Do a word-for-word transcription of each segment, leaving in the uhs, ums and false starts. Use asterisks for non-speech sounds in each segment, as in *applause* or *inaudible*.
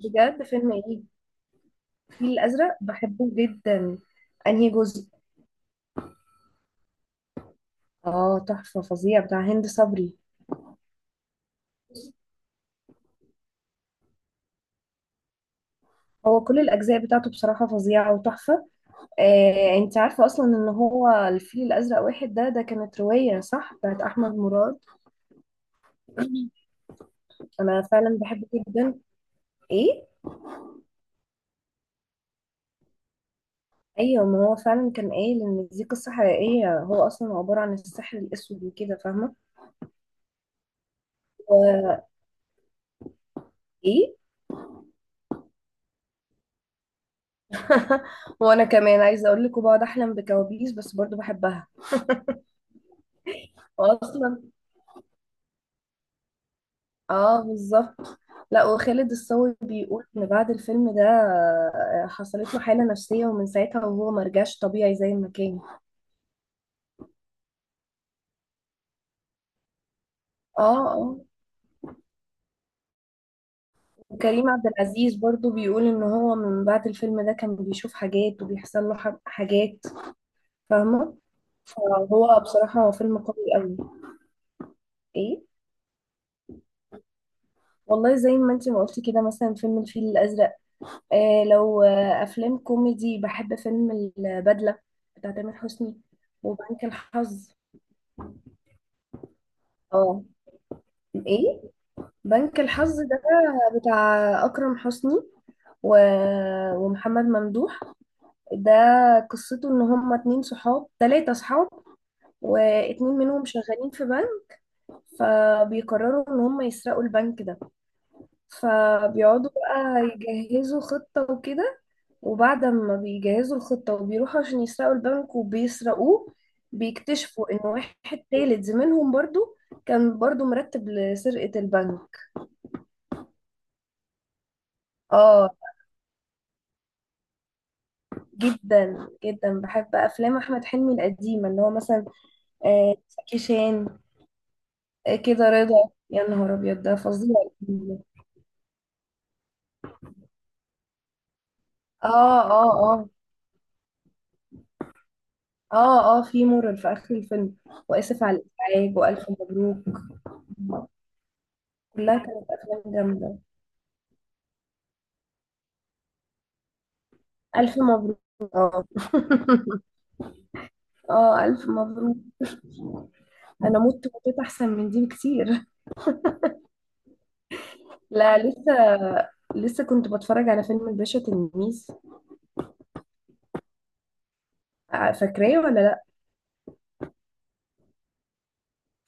بجد فيلم ايه؟ الفيل الازرق، بحبه جدا. انهي جزء؟ اه، تحفه فظيع بتاع هند صبري. هو كل الاجزاء بتاعته بصراحه فظيعه وتحفه. آه، انت عارفه اصلا ان هو الفيل الازرق واحد ده ده كانت روايه صح بتاعت احمد مراد. *clears throat* انا فعلا بحبه جدا. ايه، ايوه، ما هو فعلا كان قايل ان دي قصه حقيقيه، هو اصلا عباره عن السحر الاسود وكده، فاهمه؟ وايه؟ *laughs* وانا كمان عايزه اقول لك، وبقعد احلم بكوابيس بس برضو بحبها. واصلا اه، بالظبط. لا، وخالد الصاوي بيقول ان بعد الفيلم ده آه، حصلت له حالة نفسية ومن ساعتها وهو مرجعش طبيعي زي ما كان. اه اه. وكريم عبد العزيز برضو بيقول ان هو من بعد الفيلم ده كان بيشوف حاجات وبيحصل له ح- حاجات، فاهمة؟ فهو بصراحة هو فيلم قوي قوي. ايه، والله زي ما انتي ما قلتي كده، مثلا فيلم الفيل الأزرق. آه لو آه أفلام كوميدي، بحب فيلم البدلة بتاع تامر حسني، وبنك الحظ. اه. ايه بنك الحظ ده؟ بتاع اكرم حسني و... ومحمد ممدوح. ده قصته ان هما اتنين صحاب، تلاتة صحاب، واتنين منهم شغالين في بنك، فبيقرروا ان هما يسرقوا البنك ده. فبيقعدوا بقى يجهزوا خطة وكده، وبعد ما بيجهزوا الخطة وبيروحوا عشان يسرقوا البنك وبيسرقوه، بيكتشفوا ان واحد تالت زميلهم برضو كان برضو مرتب لسرقة البنك. اه، جدا جدا بحب افلام احمد حلمي القديمه اللي هو مثلا آه، زكي شان، آه، كده رضا، يا نهار ابيض ده فظيع. اه اه اه. اه اه، في مرر في اخر الفيلم. واسف على الازعاج، والف مبروك. كلها كانت افلام جامده. الف مبروك. اه *laughs* اه، الف مبروك. انا مت، متت احسن من دي بكتير. لا لسه، لسه كنت بتفرج على فيلم الباشا تلميذ. ع- فاكراه ولا؟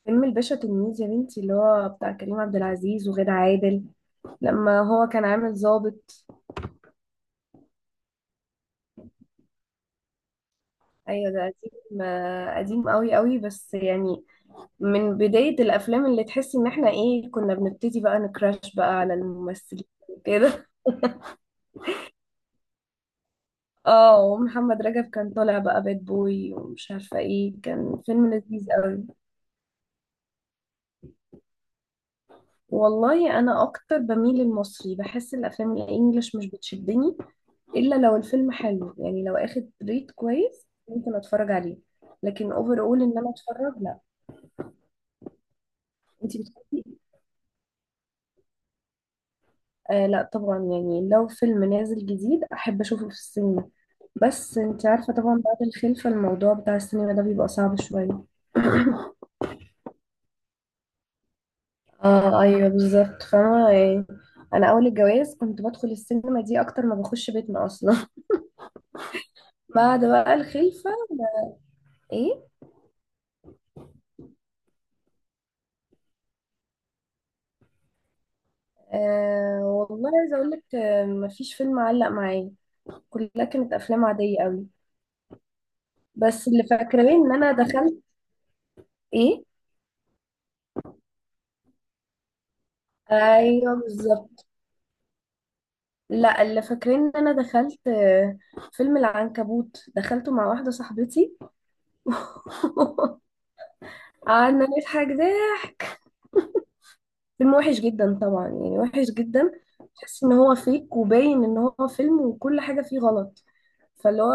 فيلم الباشا تلميذ يا بنتي، اللي هو بتاع كريم عبد العزيز وغادة عادل، لما هو كان عامل ضابط. ايوه ده قديم، آه، قديم قوي قوي، بس يعني من بداية الافلام اللي تحسي ان احنا ايه، كنا بنبتدي بقى نكراش بقى على الممثلين كده. *laughs* اه، ومحمد رجب كان طالع بقى باد بوي ومش عارفة ايه، كان فيلم لذيذ قوي. والله انا اكتر بميل للمصري، بحس الافلام الانجليش مش بتشدني، الا لو الفيلم حلو يعني، لو اخد ريت كويس ممكن اتفرج عليه. لكن اوفر اول ان انا اتفرج، لا. انتي بتحبي؟ آه لا طبعا، يعني لو فيلم نازل جديد احب اشوفه في السينما، بس انت عارفة طبعا بعد الخلفة الموضوع بتاع السينما ده بيبقى صعب شوية. اه ايوه بالظبط، فاهمة يعني. انا اول الجواز كنت بدخل السينما دي اكتر ما بخش بيتنا اصلا. *laughs* بعد بقى الخلفة. ايه؟ آه والله عايزة اقول لك، آه، مفيش فيلم علق معايا. كلها كانت افلام عادية قوي. بس اللي فاكرين ان انا دخلت، ايه، ايوه بالظبط. لا، اللي فاكرين ان انا دخلت آه، فيلم العنكبوت، دخلته مع واحده صاحبتي. *laughs* قعدنا نضحك ضحك. فيلم وحش جدا طبعا، يعني وحش جدا. تحس ان هو فيك، وباين ان هو فيلم وكل حاجه فيه غلط. فاللي هو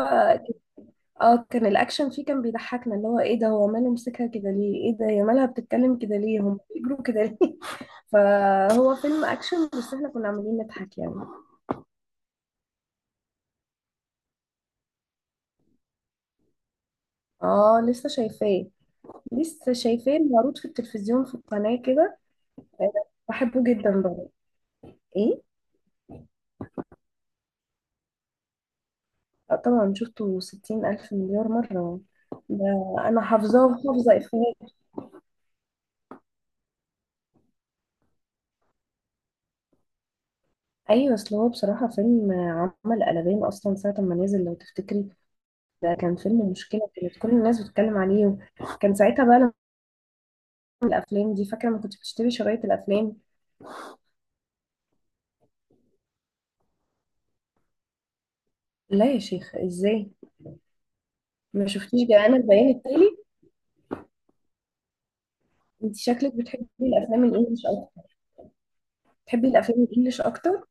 اه، كان الاكشن فيه كان بيضحكنا، اللي هو ايه ده، هو ماله مسكها كده ليه، ايه ده هي مالها بتتكلم كده ليه، هم بيجروا كده ليه؟ *laughs* فهو فيلم اكشن بس احنا كنا عاملين نضحك يعني. اه لسه شايفاه، لسه شايفاه معروض في التلفزيون في القناة كده. آه، بحبه جدا بقى. ايه؟ آه، طبعا شفته ستين ألف مليار مرة ده. أنا حافظاه وحافظة إفيهات. أيوة، أصل هو بصراحة فيلم، آه، عمل قلبان أصلا ساعة ما نزل لو تفتكري. ده كان فيلم مشكلة، كانت كل الناس بتتكلم عليه، وكان ساعتها بقى لما الأفلام دي، فاكرة ما كنت بتشتري شرايط الأفلام. لا يا شيخ إزاي! ما شفتيش جاءنا البيان التالي؟ انت شكلك بتحبي الأفلام الإنجليش، تحبي الافلام الانجليش اكتر.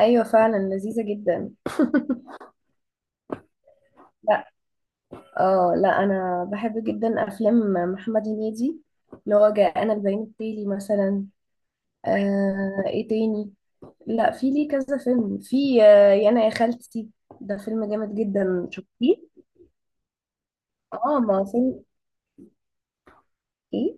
ايوه فعلا، لذيذه جدا. لا، اه لا، انا بحب جدا افلام محمد هنيدي، اللي هو جاءنا البيان التالي مثلا. آه، ايه تاني؟ لا، في ليه كذا فيلم، في آه يانا يا خالتي، ده فيلم جامد جدا، شفتيه؟ اه ما فيلم، ايه،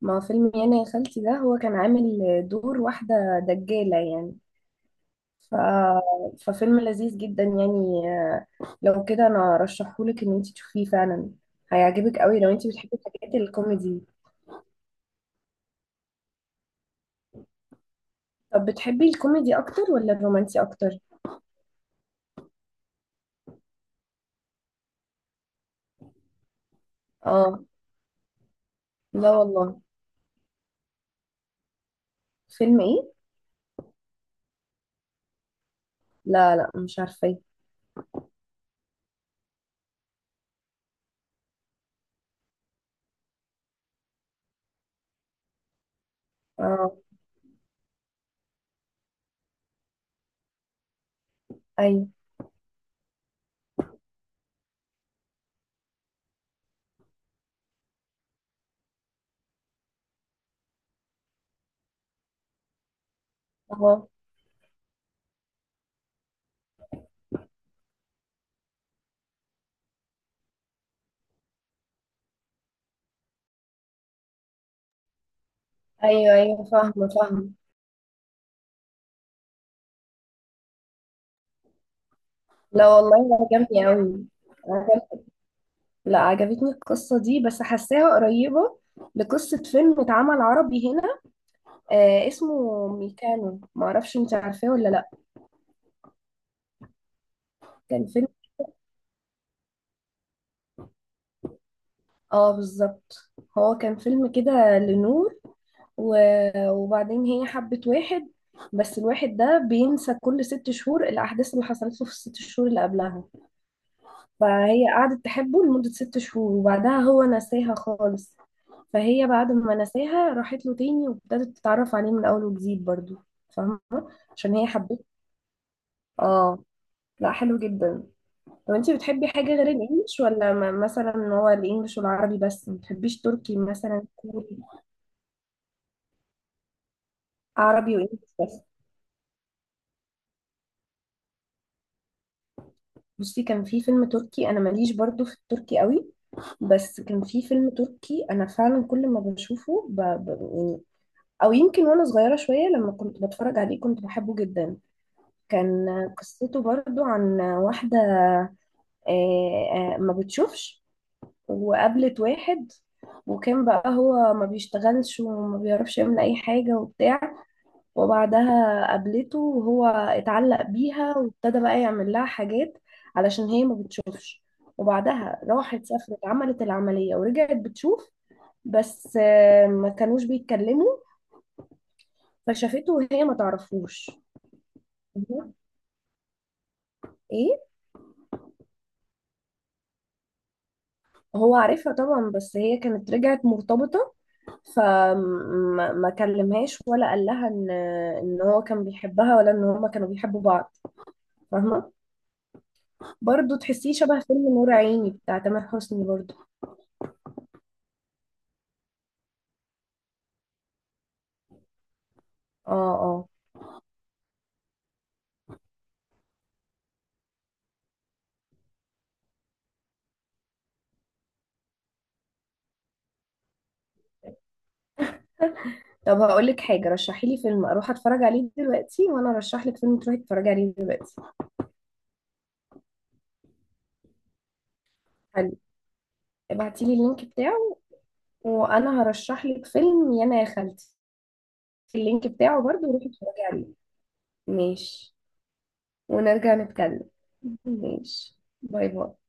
ما فيلم يانا يا خالتي ده، هو كان عامل دور واحده دجاله يعني. ف... ففيلم لذيذ جدا يعني. آه، لو كده انا ارشحهولك ان انت تشوفيه فعلا، هيعجبك قوي لو انت بتحبي الحاجات الكوميدي. طب بتحبي الكوميدي اكتر ولا الرومانسي اكتر؟ اه لا والله. فيلم ايه؟ لا لا، مش عارفه. اه، ايوه. اه، ايوه ايوه، فاهمه فاهمه. لا والله عجبني قوي. عجب... لا، عجبتني القصه دي، بس حاساها قريبه لقصه فيلم اتعمل عربي هنا، آه اسمه ميكانو، ما اعرفش انت عارفاه ولا لا. كان فيلم، اه بالظبط. هو كان فيلم كده لنور و... وبعدين هي حبت واحد، بس الواحد ده بينسى كل ست شهور الأحداث اللي حصلت له في الست شهور اللي قبلها. فهي قعدت تحبه لمدة ست شهور، وبعدها هو نساها خالص. فهي بعد ما نساها راحت له تاني، وابتدت تتعرف عليه من أول وجديد برضو، فاهمة؟ عشان هي حبته. اه، لا حلو جدا. طب انتي بتحبي حاجة غير الانجليش، ولا م- مثلا هو الانجليش والعربي بس، ما بتحبيش تركي مثلا، كوري؟ عربي وانجليش بس. بصي كان في فيلم تركي، انا ماليش برضو في التركي قوي، بس كان في فيلم تركي انا فعلا كل ما بشوفه ب... ب... يعني، او يمكن وانا صغيرة شوية لما كنت بتفرج عليه كنت بحبه جدا. كان قصته برضو عن واحدة آه، آه، ما بتشوفش، وقابلت واحد، وكان بقى هو ما بيشتغلش وما بيعرفش يعمل اي حاجة وبتاع، وبعدها قابلته وهو اتعلق بيها وابتدى بقى يعمل لها حاجات علشان هي ما بتشوفش. وبعدها راحت سافرت عملت العملية ورجعت بتشوف، بس آه، ما كانوش بيتكلموا. فشافته وهي ما تعرفوش. مهم. ايه؟ هو عارفها طبعا، بس هي كانت رجعت مرتبطة، فما ما كلمهاش ولا قال لها ان، ان هو كان بيحبها ولا ان هما كانوا بيحبوا بعض، فاهمة؟ برضه تحسيه شبه فيلم نور عيني بتاع تامر حسني برضه. اه اه. طب هقول لك حاجه، رشحي لي فيلم اروح اتفرج عليه دلوقتي، وانا ارشح لك فيلم تروحي تتفرجي عليه دلوقتي. حلو، ابعتي لي اللينك بتاعه، وانا هرشح لك فيلم يانا يا خالتي، اللينك بتاعه برضه روحي اتفرجي عليه. ماشي، ونرجع نتكلم. ماشي، باي باي.